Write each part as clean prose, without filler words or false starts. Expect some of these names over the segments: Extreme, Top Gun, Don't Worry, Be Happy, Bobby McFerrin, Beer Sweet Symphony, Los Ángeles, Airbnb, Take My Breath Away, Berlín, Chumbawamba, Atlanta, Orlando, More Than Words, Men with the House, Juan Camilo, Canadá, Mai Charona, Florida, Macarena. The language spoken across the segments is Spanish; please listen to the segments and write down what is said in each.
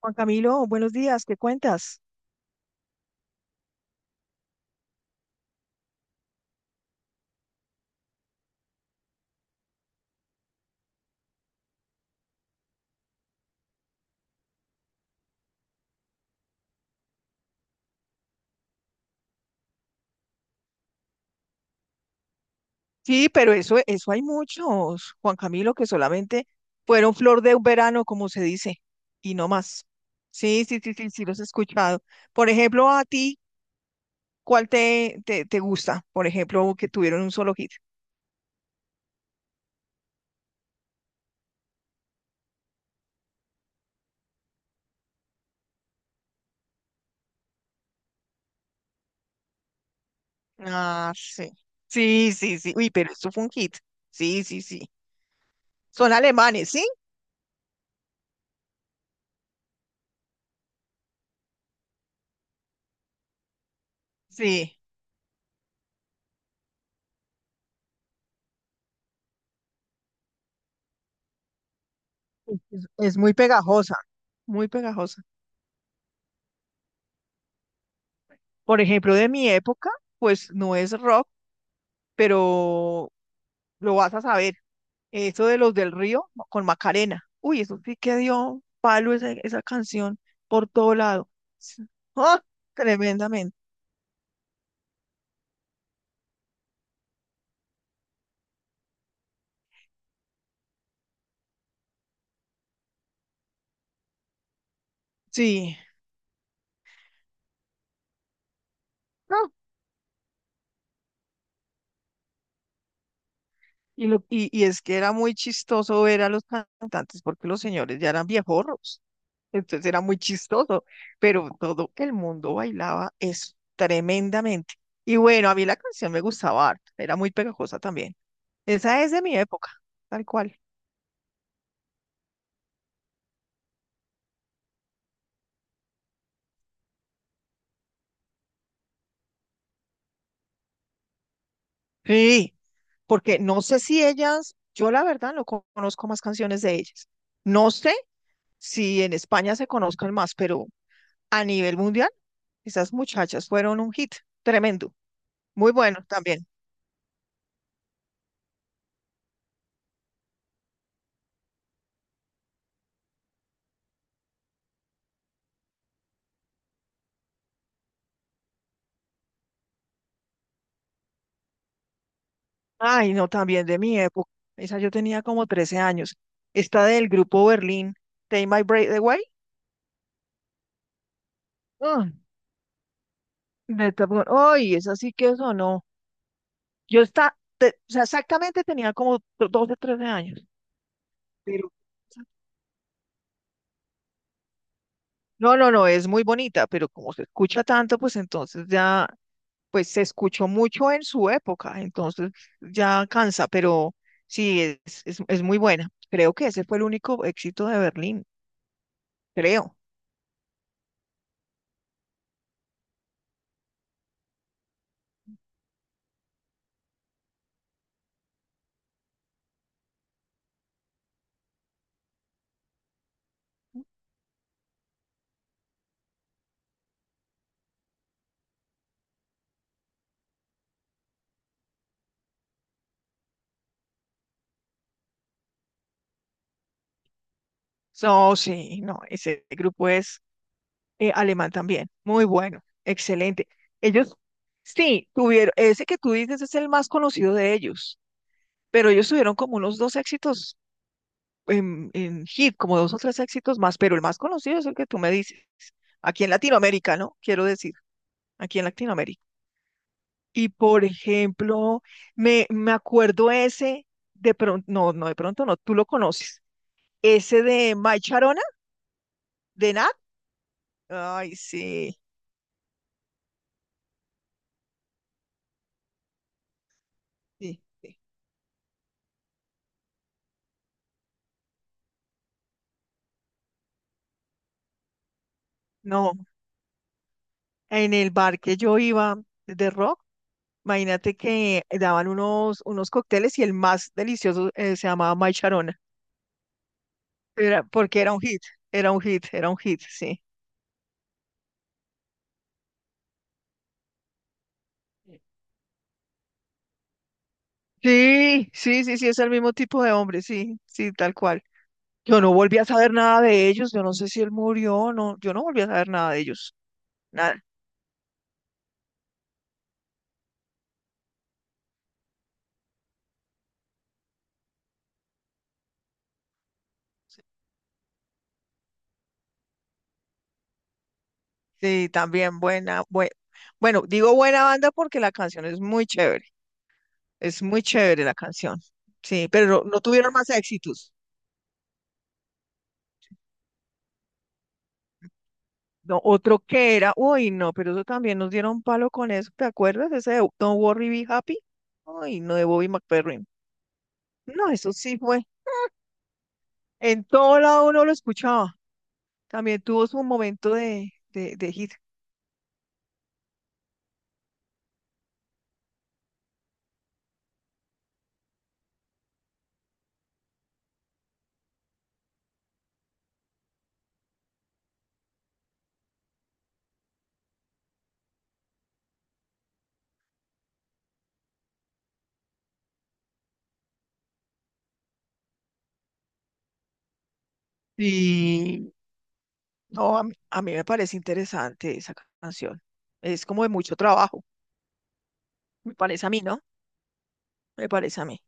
Juan Camilo, buenos días, ¿qué cuentas? Sí, pero eso hay muchos, Juan Camilo, que solamente fueron flor de un verano, como se dice, y no más. Sí, sí, sí, sí, sí, los he escuchado. Por ejemplo, a ti, ¿cuál te gusta? Por ejemplo, que tuvieron un solo hit. Ah, sí. Sí, sí, sí. Uy, pero eso fue un hit. Sí, sí, sí. Son alemanes, ¿sí? Sí. Es muy pegajosa, muy pegajosa. Por ejemplo, de mi época, pues no es rock, pero lo vas a saber. Eso de los del río no, con Macarena. Uy, eso sí que dio palo esa canción por todo lado. Sí. ¡Ah! Tremendamente. Sí. No. Y es que era muy chistoso ver a los cantantes porque los señores ya eran viejorros. Entonces era muy chistoso, pero todo el mundo bailaba eso tremendamente. Y bueno, a mí la canción me gustaba harto, era muy pegajosa también. Esa es de mi época, tal cual. Sí. Porque no sé si ellas, yo la verdad no conozco más canciones de ellas. No sé si en España se conozcan más, pero a nivel mundial, esas muchachas fueron un hit tremendo, muy bueno también. Ay, no, también de mi época. Esa yo tenía como 13 años. Esta del grupo Berlín, Take My Breath Away. Ah, de Top Gun. Ay, esa sí que sonó. O sea, exactamente tenía como 12, 13 años. Pero No, no, no, es muy bonita, pero como se escucha tanto, pues entonces ya, pues se escuchó mucho en su época, entonces ya cansa, pero sí, es muy buena. Creo que ese fue el único éxito de Berlín, creo. No, sí, no, ese grupo es alemán también, muy bueno, excelente. Ellos, sí, tuvieron, ese que tú dices es el más conocido de ellos, pero ellos tuvieron como unos dos éxitos en hit, como dos o tres éxitos más, pero el más conocido es el que tú me dices, aquí en Latinoamérica, ¿no? Quiero decir, aquí en Latinoamérica. Y por ejemplo, me acuerdo ese, de pronto, no, no, de pronto no, tú lo conoces, ese de Mai Charona, de Nat. Ay, sí, sí, sí. No, en el bar que yo iba de rock, imagínate que daban unos cócteles y el más delicioso se llamaba Mai Charona, era, porque era un hit, era un hit, era un hit, sí. Sí, sí, sí, sí, es el mismo tipo de hombre, sí, sí, tal cual. Yo no volví a saber nada de ellos, yo no sé si él murió, no, yo no volví a saber nada de ellos, nada. Sí, también buena, bueno, digo buena banda porque la canción es muy chévere la canción, sí, pero no tuvieron más éxitos. No, otro que era, uy, no, pero eso también nos dieron palo con eso, ¿te acuerdas? Ese de Don't Worry, Be Happy, uy, no, de Bobby McFerrin. No, eso sí fue, en todo lado uno lo escuchaba. También tuvo su momento de hit. Y no, a mí me parece interesante esa canción. Es como de mucho trabajo. Me parece a mí, ¿no? Me parece a mí.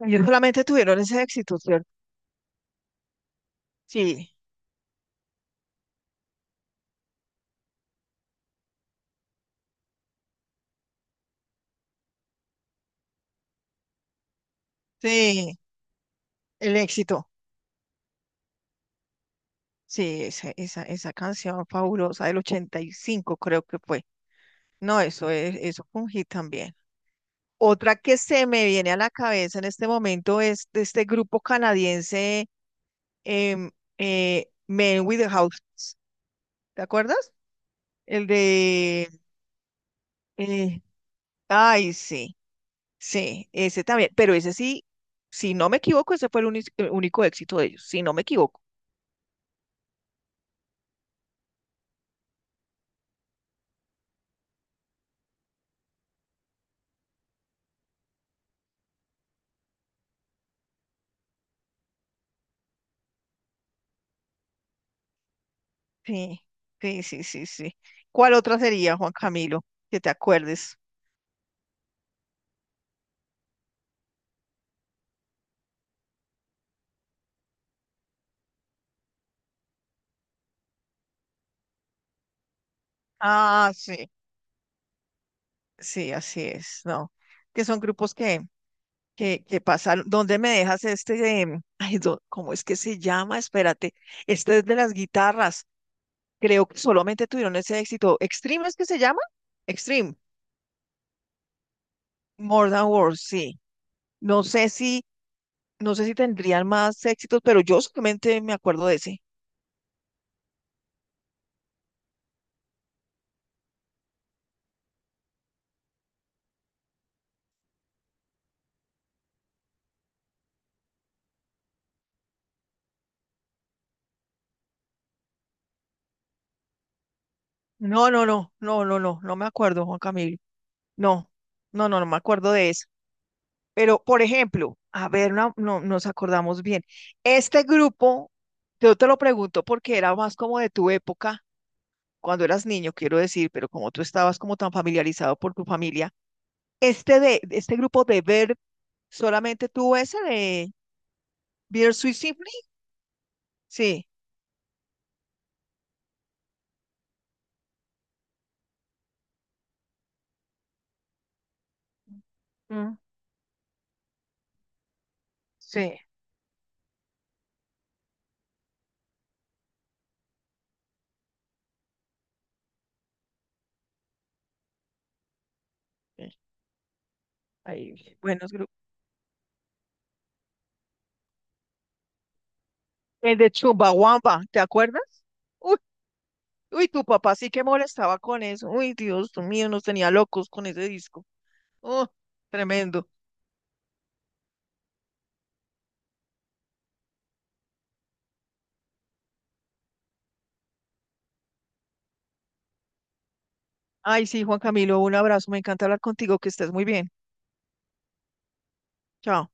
Ellos solamente tuvieron ese éxito, ¿cierto? Sí, sí, el éxito. Sí, esa, esa canción fabulosa del 85 creo que fue. No, eso fue un hit también. Otra que se me viene a la cabeza en este momento es de este grupo canadiense em, Men with the House. ¿Te acuerdas? El de... eh, ay, sí, sí, ese también. Pero ese sí, si no me equivoco, ese fue el único, único éxito de ellos, si no me equivoco. Sí, sí, sí, sí, sí. ¿Cuál otra sería, Juan Camilo? Que te acuerdes. Ah, sí, sí, así es, no. Que son grupos que, que pasaron. ¿Dónde me dejas este de, ay, cómo es que se llama? Espérate, este es de las guitarras. Creo que solamente tuvieron ese éxito. ¿Extreme es que se llama? Extreme. More Than Words, sí. No sé si, no sé si tendrían más éxitos, pero yo solamente me acuerdo de ese. No, no, no, no, no, no, no me acuerdo, Juan Camilo. No, no, no, no me acuerdo de eso. Pero, por ejemplo, a ver, no, no nos acordamos bien. Este grupo, yo te lo pregunto porque era más como de tu época, cuando eras niño, quiero decir, pero como tú estabas como tan familiarizado por tu familia, este grupo de ver solamente tuvo ese de Beer Sweet Symphony, sí. Mm, sí. eh, Hay buenos grupos. El de Chumbawamba, ¿te acuerdas? Uy, uy, tu papá sí que molestaba con eso. Uy, Dios mío, nos tenía locos con ese disco. Oh, tremendo. Ay, sí, Juan Camilo, un abrazo. Me encanta hablar contigo, que estés muy bien. Chao.